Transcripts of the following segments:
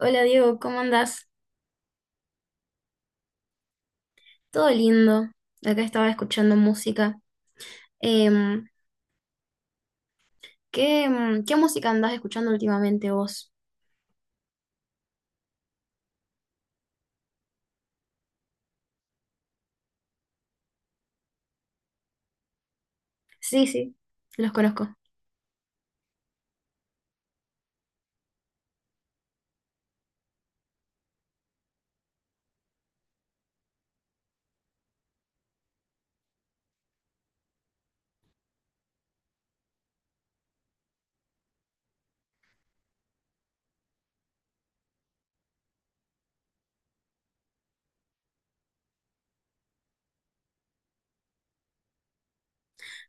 Hola Diego, ¿cómo andás? Todo lindo. Acá estaba escuchando música. Em, ¿Qué, qué música andás escuchando últimamente vos? Sí, sí, los conozco.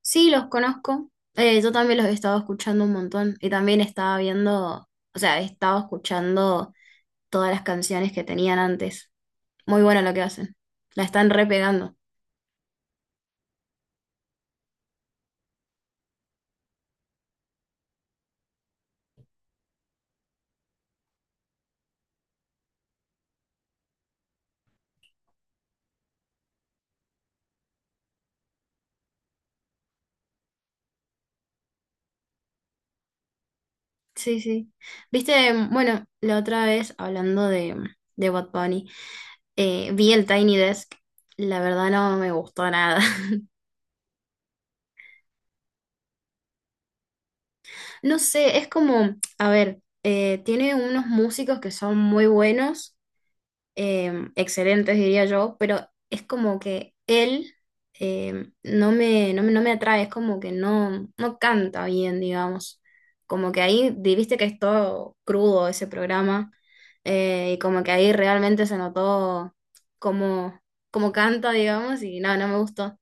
Sí, los conozco. Yo también los he estado escuchando un montón y también estaba viendo, o sea, he estado escuchando todas las canciones que tenían antes. Muy bueno lo que hacen. La están repegando. Sí, sí. Viste, bueno, la otra vez hablando de Bad Bunny. Vi el Tiny Desk, la verdad no me gustó nada. No sé, es como, a ver, tiene unos músicos que son muy buenos, excelentes diría yo, pero es como que él no me atrae, es como que no, no canta bien, digamos. Como que ahí, viste que es todo crudo ese programa, y como que ahí realmente se notó como, como canta, digamos, y no, no me gustó.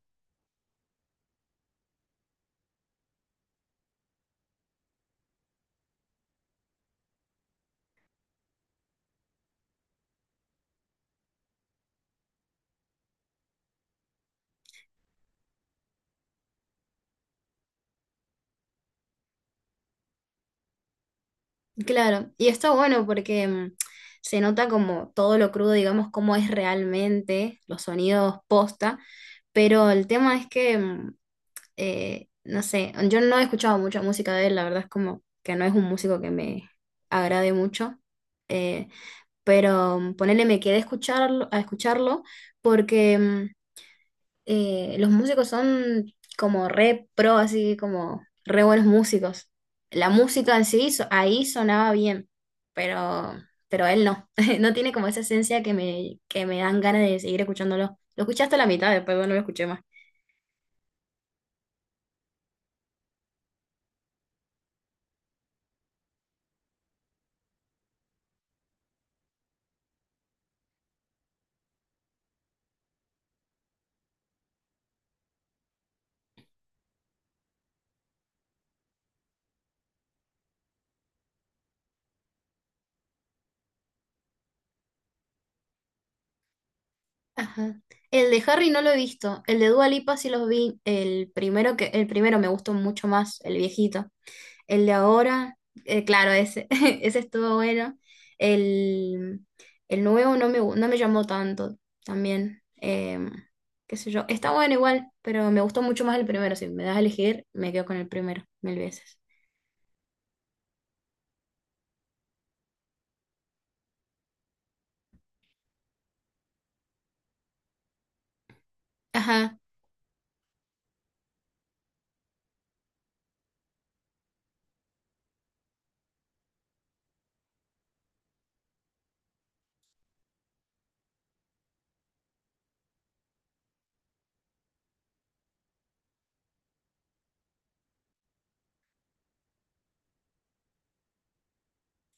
Claro, y está bueno porque se nota como todo lo crudo, digamos, cómo es realmente los sonidos posta, pero el tema es que, no sé, yo no he escuchado mucha música de él, la verdad es como que no es un músico que me agrade mucho, eh, pero ponele me quedé a escucharlo porque los músicos son como re pro, así como re buenos músicos. La música en ahí sonaba bien, pero, pero él no. No tiene como esa esencia que que me dan ganas de seguir escuchándolo. Lo escuché hasta la mitad, después no lo escuché más. Ajá. El de Harry no lo he visto. El de Dua Lipa sí los vi. El primero el primero me gustó mucho más, el viejito. El de ahora, claro, ese, ese estuvo bueno. El, el nuevo no no me llamó tanto también. Qué sé yo. Está bueno igual, pero me gustó mucho más el primero. Si me das a elegir, me quedo con el primero mil veces. Ajá,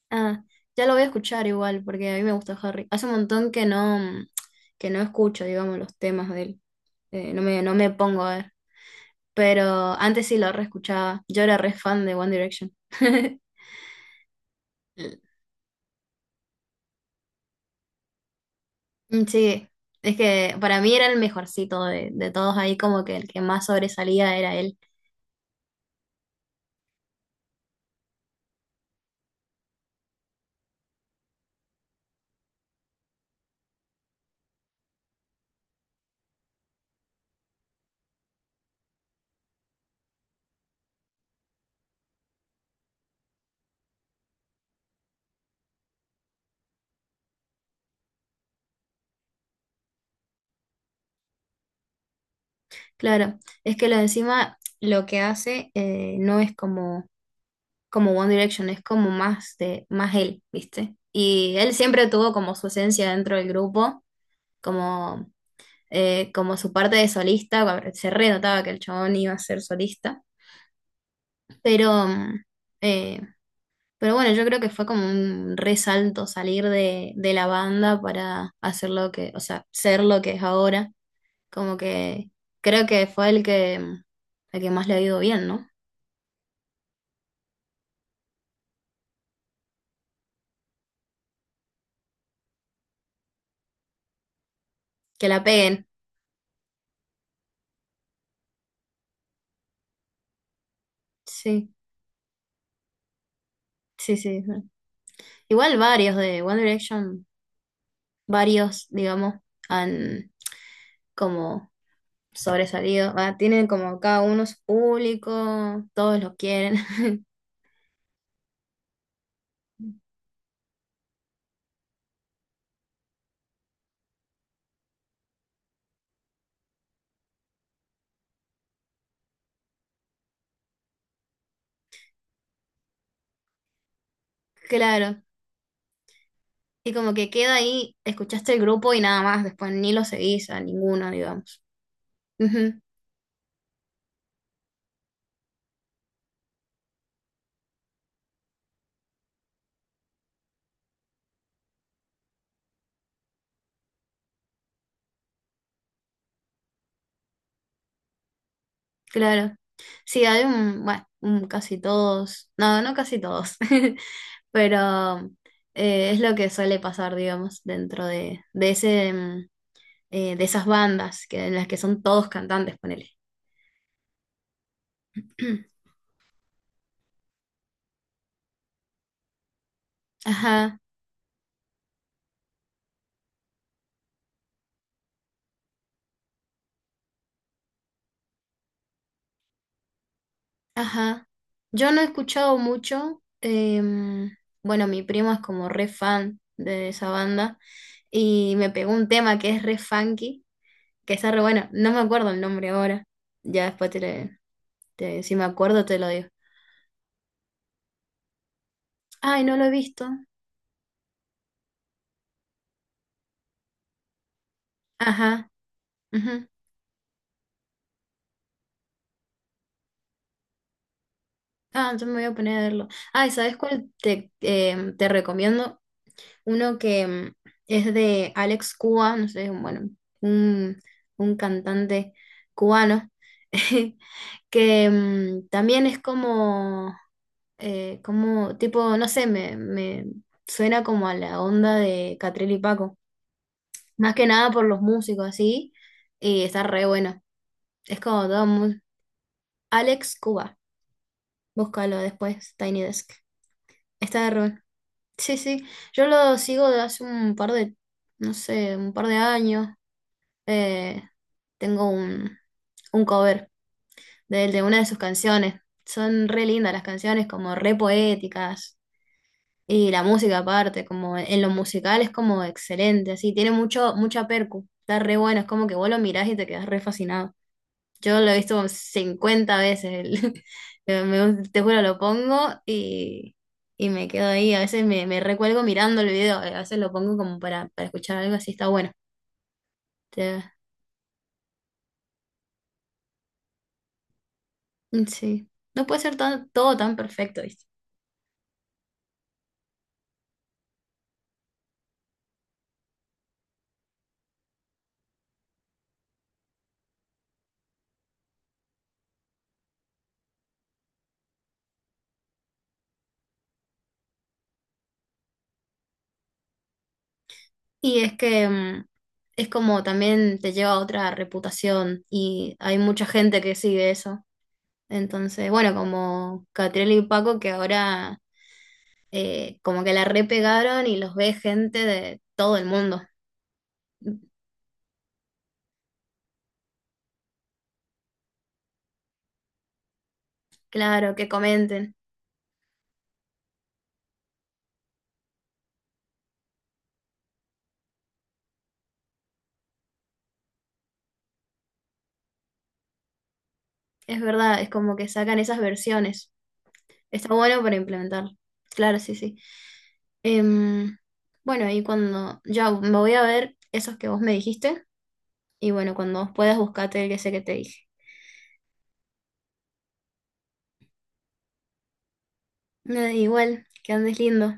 ah, ya lo voy a escuchar igual, porque a mí me gusta Harry. Hace un montón que no escucho, digamos, los temas de él. No me pongo a ver. Pero antes sí lo reescuchaba. Yo era re fan de One Direction. Mm, sí, es que para mí era el mejorcito de todos ahí, como que el que más sobresalía era él. Claro, es que lo de encima lo que hace no es como, como One Direction, es como más de, más él, ¿viste? Y él siempre tuvo como su esencia dentro del grupo, como, como su parte de solista, se re notaba que el chabón iba a ser solista, pero eh, pero bueno, yo creo que fue como un resalto salir de la banda para hacer lo que, o sea, ser lo que es ahora. Como que creo que fue el el que más le ha ido bien, ¿no? Que la peguen. Sí, sí, sí. Sí. Igual varios de One Direction, varios, digamos, han como sobresalido. Ah, tienen como cada uno su público, todos los quieren. Claro. Y como que queda ahí, escuchaste el grupo y nada más, después ni lo seguís a ninguno, digamos. Ujú, claro. Sí, hay un, bueno, un casi todos, no, no casi todos, pero es lo que suele pasar, digamos, dentro de ese, de esas bandas que, en las que son todos cantantes, ponele. Ajá, ajá. Yo no he escuchado mucho, bueno, mi primo es como re fan de esa banda y me pegó un tema que es re funky, que está re bueno, no me acuerdo el nombre ahora, ya después si me acuerdo, te lo digo. Ay, no lo he visto. Ajá, ujú. Ah, entonces me voy a poner a verlo. Ay, ¿sabes cuál te recomiendo? Uno que es de Alex Cuba, no sé, bueno, un, un cantante cubano, que también es como, como, tipo, no sé, me suena como a la onda de Catril y Paco. Más que nada por los músicos, así, y está re bueno. Es como todo Alex Cuba. Búscalo después, Tiny Desk. Está de rol. Sí, sí. Yo lo sigo de hace un par no sé, un par de años. Eh, tengo un cover de una de sus canciones. Son re lindas las canciones, como re poéticas. Y la música aparte, como en lo musical es como excelente, así. Tiene mucho, mucha percu. Está re bueno, es como que vos lo mirás y te quedás re fascinado. Yo lo he visto como 50 veces. Pero te juro, lo pongo y me quedo ahí. A veces me recuelgo mirando el video. A veces lo pongo como para escuchar algo así. Está bueno. Te- sí. No puede ser tan- todo tan perfecto, ¿viste? Y es que es como también te lleva a otra reputación y hay mucha gente que sigue eso. Entonces, bueno, como Catriel y Paco que ahora como que la repegaron y los ve gente de todo el mundo. Claro, que comenten. Es verdad, es como que sacan esas versiones. Está bueno para implementar. Claro, sí, sí. Em, bueno, y cuando ya me voy a ver esos que vos me dijiste, y bueno, cuando puedas buscate el que sé que te dije. Nada, igual, que andes lindo.